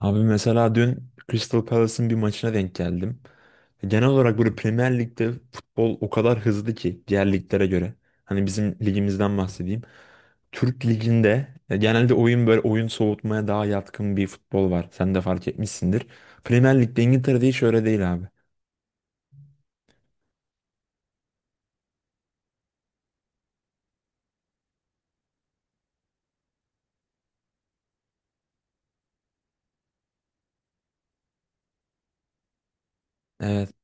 Abi mesela dün Crystal Palace'ın bir maçına denk geldim. Genel olarak böyle Premier Lig'de futbol o kadar hızlı ki diğer liglere göre. Hani bizim ligimizden bahsedeyim. Türk Ligi'nde genelde oyun böyle oyun soğutmaya daha yatkın bir futbol var. Sen de fark etmişsindir. Premier Lig'de İngiltere'de hiç öyle değil abi. Evet,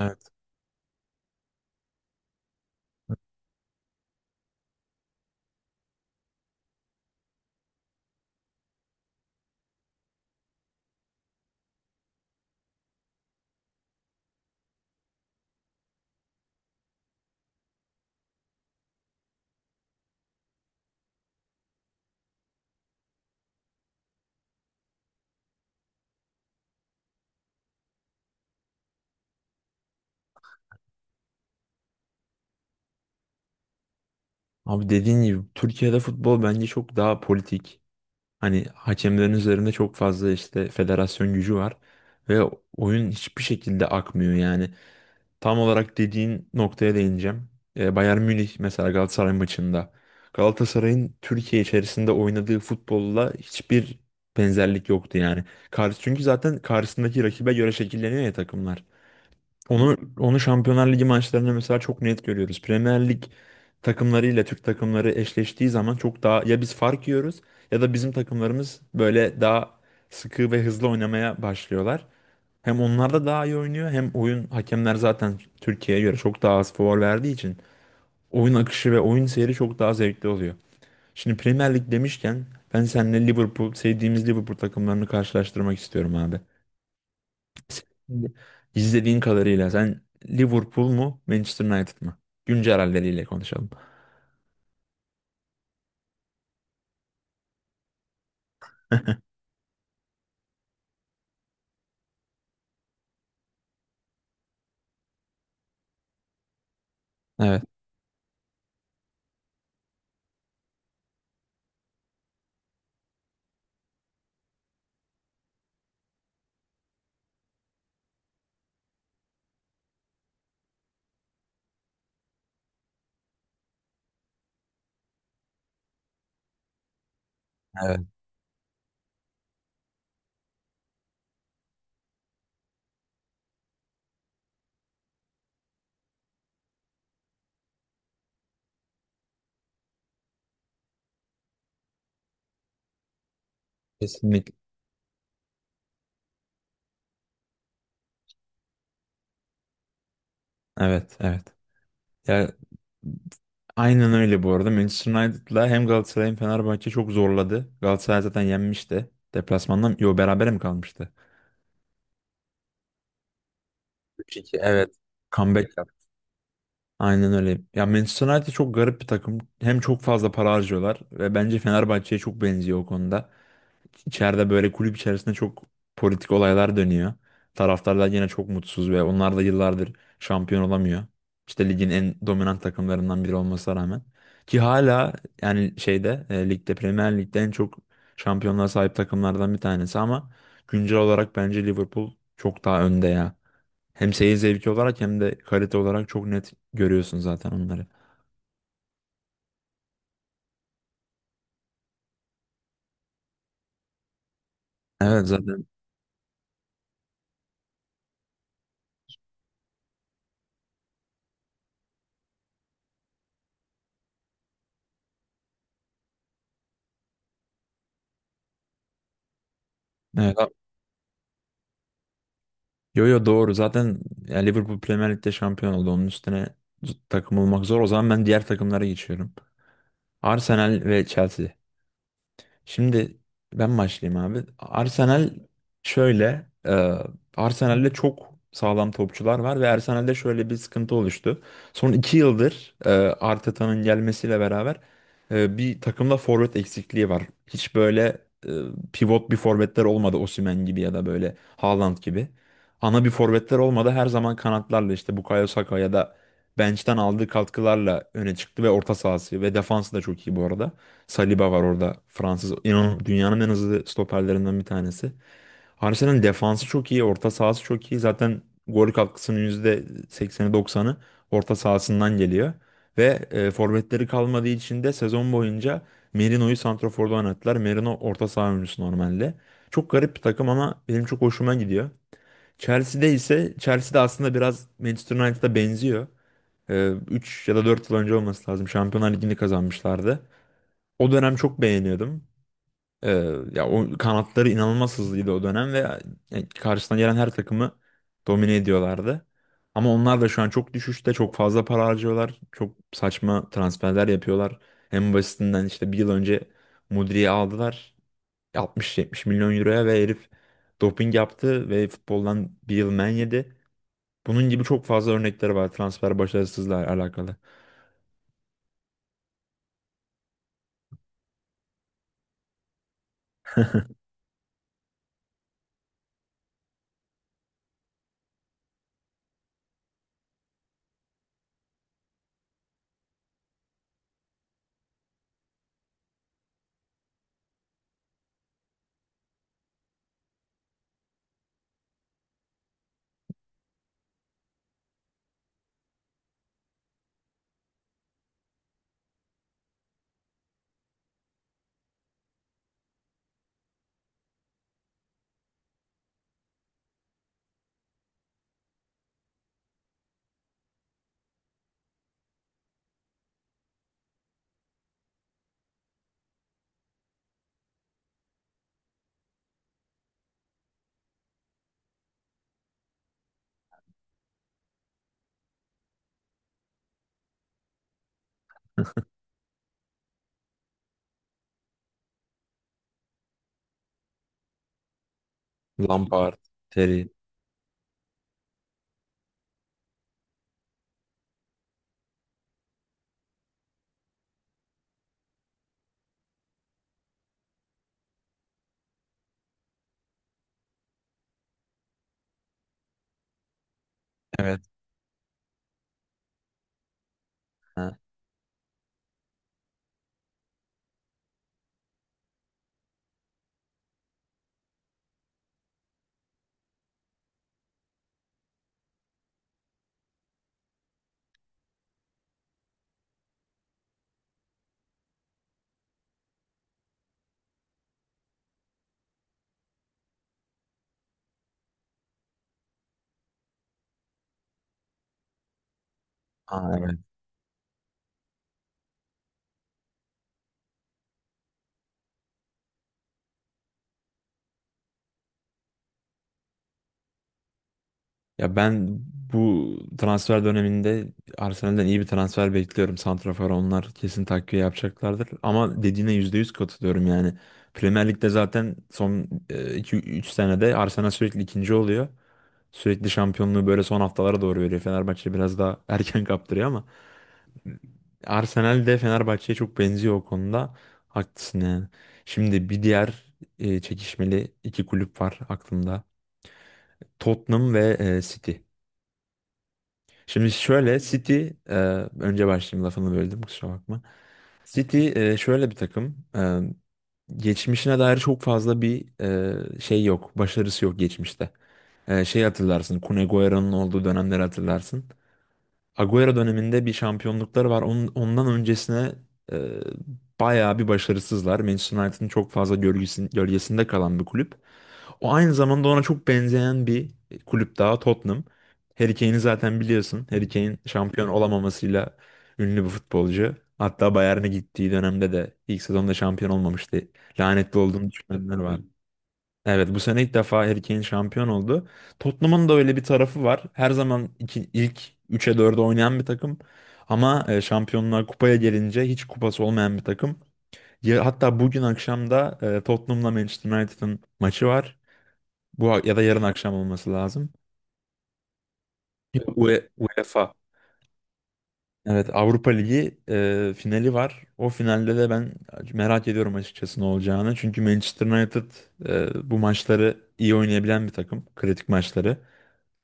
evet. Abi dediğin gibi Türkiye'de futbol bence çok daha politik. Hani hakemlerin üzerinde çok fazla işte federasyon gücü var ve oyun hiçbir şekilde akmıyor yani. Tam olarak dediğin noktaya değineceğim. Bayern Münih mesela Galatasaray maçında Galatasaray'ın Türkiye içerisinde oynadığı futbolla hiçbir benzerlik yoktu yani. Karşı, çünkü zaten karşısındaki rakibe göre şekilleniyor ya takımlar. Onu Şampiyonlar Ligi maçlarında mesela çok net görüyoruz. Premier Lig takımlarıyla Türk takımları eşleştiği zaman çok daha ya biz fark yiyoruz ya da bizim takımlarımız böyle daha sıkı ve hızlı oynamaya başlıyorlar. Hem onlar da daha iyi oynuyor hem oyun hakemler zaten Türkiye'ye göre çok daha az faul verdiği için oyun akışı ve oyun seyri çok daha zevkli oluyor. Şimdi Premier Lig demişken ben seninle Liverpool sevdiğimiz Liverpool takımlarını karşılaştırmak istiyorum abi. Şimdi İzlediğin kadarıyla sen Liverpool mu Manchester United mı? Güncel halleriyle konuşalım. Evet, evet. Kesinlikle. Evet, evet. Ya aynen öyle bu arada. Manchester United'la hem Galatasaray hem Fenerbahçe çok zorladı. Galatasaray zaten yenmişti. Deplasmandan yo berabere mi kalmıştı? 3-2 evet. Comeback yaptı. Aynen öyle. Ya Manchester United çok garip bir takım. Hem çok fazla para harcıyorlar ve bence Fenerbahçe'ye çok benziyor o konuda. İçeride böyle kulüp içerisinde çok politik olaylar dönüyor. Taraftarlar yine çok mutsuz ve onlar da yıllardır şampiyon olamıyor. İşte ligin en dominant takımlarından biri olmasına rağmen. Ki hala yani şeyde ligde Premier Lig'de en çok şampiyonluğa sahip takımlardan bir tanesi ama güncel olarak bence Liverpool çok daha önde ya. Hem seyir zevki olarak hem de kalite olarak çok net görüyorsun zaten onları. Evet zaten. Evet, yo yo doğru. Zaten ya Liverpool Premier Lig'de şampiyon oldu. Onun üstüne takım olmak zor. O zaman ben diğer takımlara geçiyorum. Arsenal ve Chelsea. Şimdi ben başlayayım abi. Arsenal şöyle, Arsenal'de çok sağlam topçular var ve Arsenal'de şöyle bir sıkıntı oluştu. Son iki yıldır Arteta'nın gelmesiyle beraber bir takımda forvet eksikliği var. Hiç böyle e, pivot bir forvetler olmadı Osimhen gibi ya da böyle Haaland gibi. Ana bir forvetler olmadı. Her zaman kanatlarla işte Bukayo Saka ya da bench'ten aldığı katkılarla öne çıktı ve orta sahası ve defansı da çok iyi bu arada. Saliba var orada Fransız. İnanın dünyanın en hızlı stoperlerinden bir tanesi. Arsenal'in defansı çok iyi, orta sahası çok iyi. Zaten gol katkısının %80'i %90'ı orta sahasından geliyor. Ve forvetleri kalmadığı için de sezon boyunca Merino'yu santraforda oynattılar. Merino orta saha oyuncusu normalde. Çok garip bir takım ama benim çok hoşuma gidiyor. Chelsea'de ise Chelsea'de aslında biraz Manchester United'a benziyor. 3 ya da 4 yıl önce olması lazım. Şampiyonlar Ligi'ni kazanmışlardı. O dönem çok beğeniyordum. Ee, ya o kanatları inanılmaz hızlıydı o dönem ve yani karşısına gelen her takımı domine ediyorlardı. Ama onlar da şu an çok düşüşte, çok fazla para harcıyorlar. Çok saçma transferler yapıyorlar. En basitinden işte bir yıl önce Mudri'yi aldılar 60-70 milyon euroya ve herif doping yaptı ve futboldan bir yıl men yedi. Bunun gibi çok fazla örnekleri var transfer başarısızlıkla alakalı. Lampard, Terry. Evet. Ha, ha, ya ben bu transfer döneminde Arsenal'den iyi bir transfer bekliyorum. Santrafor onlar kesin takviye yapacaklardır. Ama dediğine %100 katılıyorum yani. Premier Lig'de zaten son iki üç senede Arsenal sürekli ikinci oluyor. Sürekli şampiyonluğu böyle son haftalara doğru veriyor. Fenerbahçe biraz daha erken kaptırıyor ama Arsenal de Fenerbahçe'ye çok benziyor o konuda. Haklısın yani. Şimdi bir diğer çekişmeli iki kulüp var aklımda. Tottenham ve City. Şimdi şöyle önce başlayayım lafını böldüm kusura bakma. City şöyle bir takım. Geçmişine dair çok fazla bir şey yok. Başarısı yok geçmişte. Şey hatırlarsın. Kun Agüero'nun olduğu dönemleri hatırlarsın. Agüero döneminde bir şampiyonlukları var. Onun, ondan öncesine e, bayağı bir başarısızlar. Manchester United'ın çok fazla gölgesinde kalan bir kulüp. O aynı zamanda ona çok benzeyen bir kulüp daha Tottenham. Harry Kane'i zaten biliyorsun. Harry Kane şampiyon olamamasıyla ünlü bir futbolcu. Hatta Bayern'e gittiği dönemde de ilk sezonda şampiyon olmamıştı. Lanetli olduğunu düşünenler var. Evet bu sene ilk defa Harry Kane şampiyon oldu. Tottenham'ın da öyle bir tarafı var. Her zaman ilk üçe 4'e oynayan bir takım. Ama şampiyonlar kupaya gelince hiç kupası olmayan bir takım. Ya, hatta bugün akşam da Tottenham'la Manchester United'ın maçı var. Bu ya da yarın akşam olması lazım. UEFA. Evet Avrupa Ligi finali var. O finalde de ben merak ediyorum açıkçası ne olacağını. Çünkü Manchester United bu maçları iyi oynayabilen bir takım. Kritik maçları.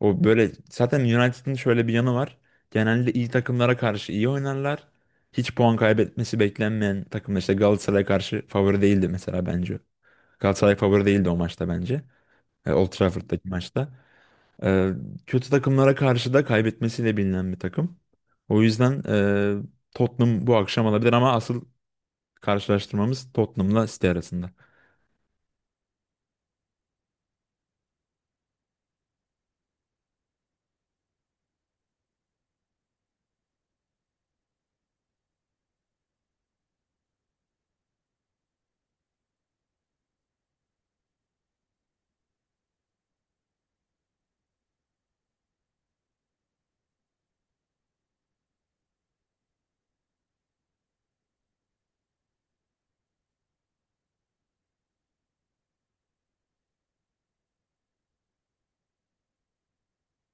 O böyle zaten United'ın şöyle bir yanı var. Genelde iyi takımlara karşı iyi oynarlar. Hiç puan kaybetmesi beklenmeyen takımda işte Galatasaray'a karşı favori değildi mesela bence. Galatasaray favori değildi o maçta bence. E, Old Trafford'daki maçta. Ee, kötü takımlara karşı da kaybetmesiyle bilinen bir takım. O yüzden Tottenham bu akşam alabilir ama asıl karşılaştırmamız Tottenham'la City arasında.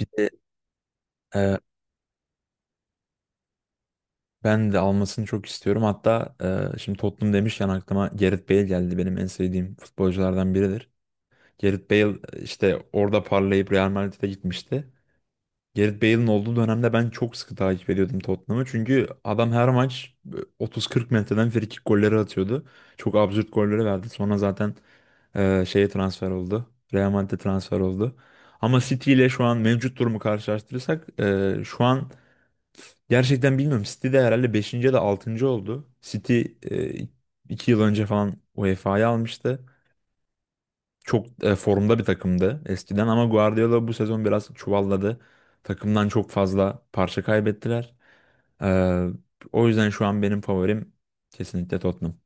Bir de e, ben de almasını çok istiyorum. Hatta şimdi Tottenham demişken aklıma Gareth Bale geldi. Benim en sevdiğim futbolculardan biridir. Gareth Bale işte orada parlayıp Real Madrid'e gitmişti. Gareth Bale'in olduğu dönemde ben çok sıkı takip ediyordum Tottenham'ı. Çünkü adam her maç 30-40 metreden frikik golleri atıyordu. Çok absürt golleri verdi. Sonra zaten şeye transfer oldu. Real Madrid'e transfer oldu. Ama City ile şu an mevcut durumu karşılaştırırsak şu an gerçekten bilmiyorum. City de herhalde beşinci ya da 6. oldu. City e, 2 yıl önce falan UEFA'yı almıştı. Çok formda bir takımdı eskiden ama Guardiola bu sezon biraz çuvalladı. Takımdan çok fazla parça kaybettiler. Ee, o yüzden şu an benim favorim kesinlikle Tottenham.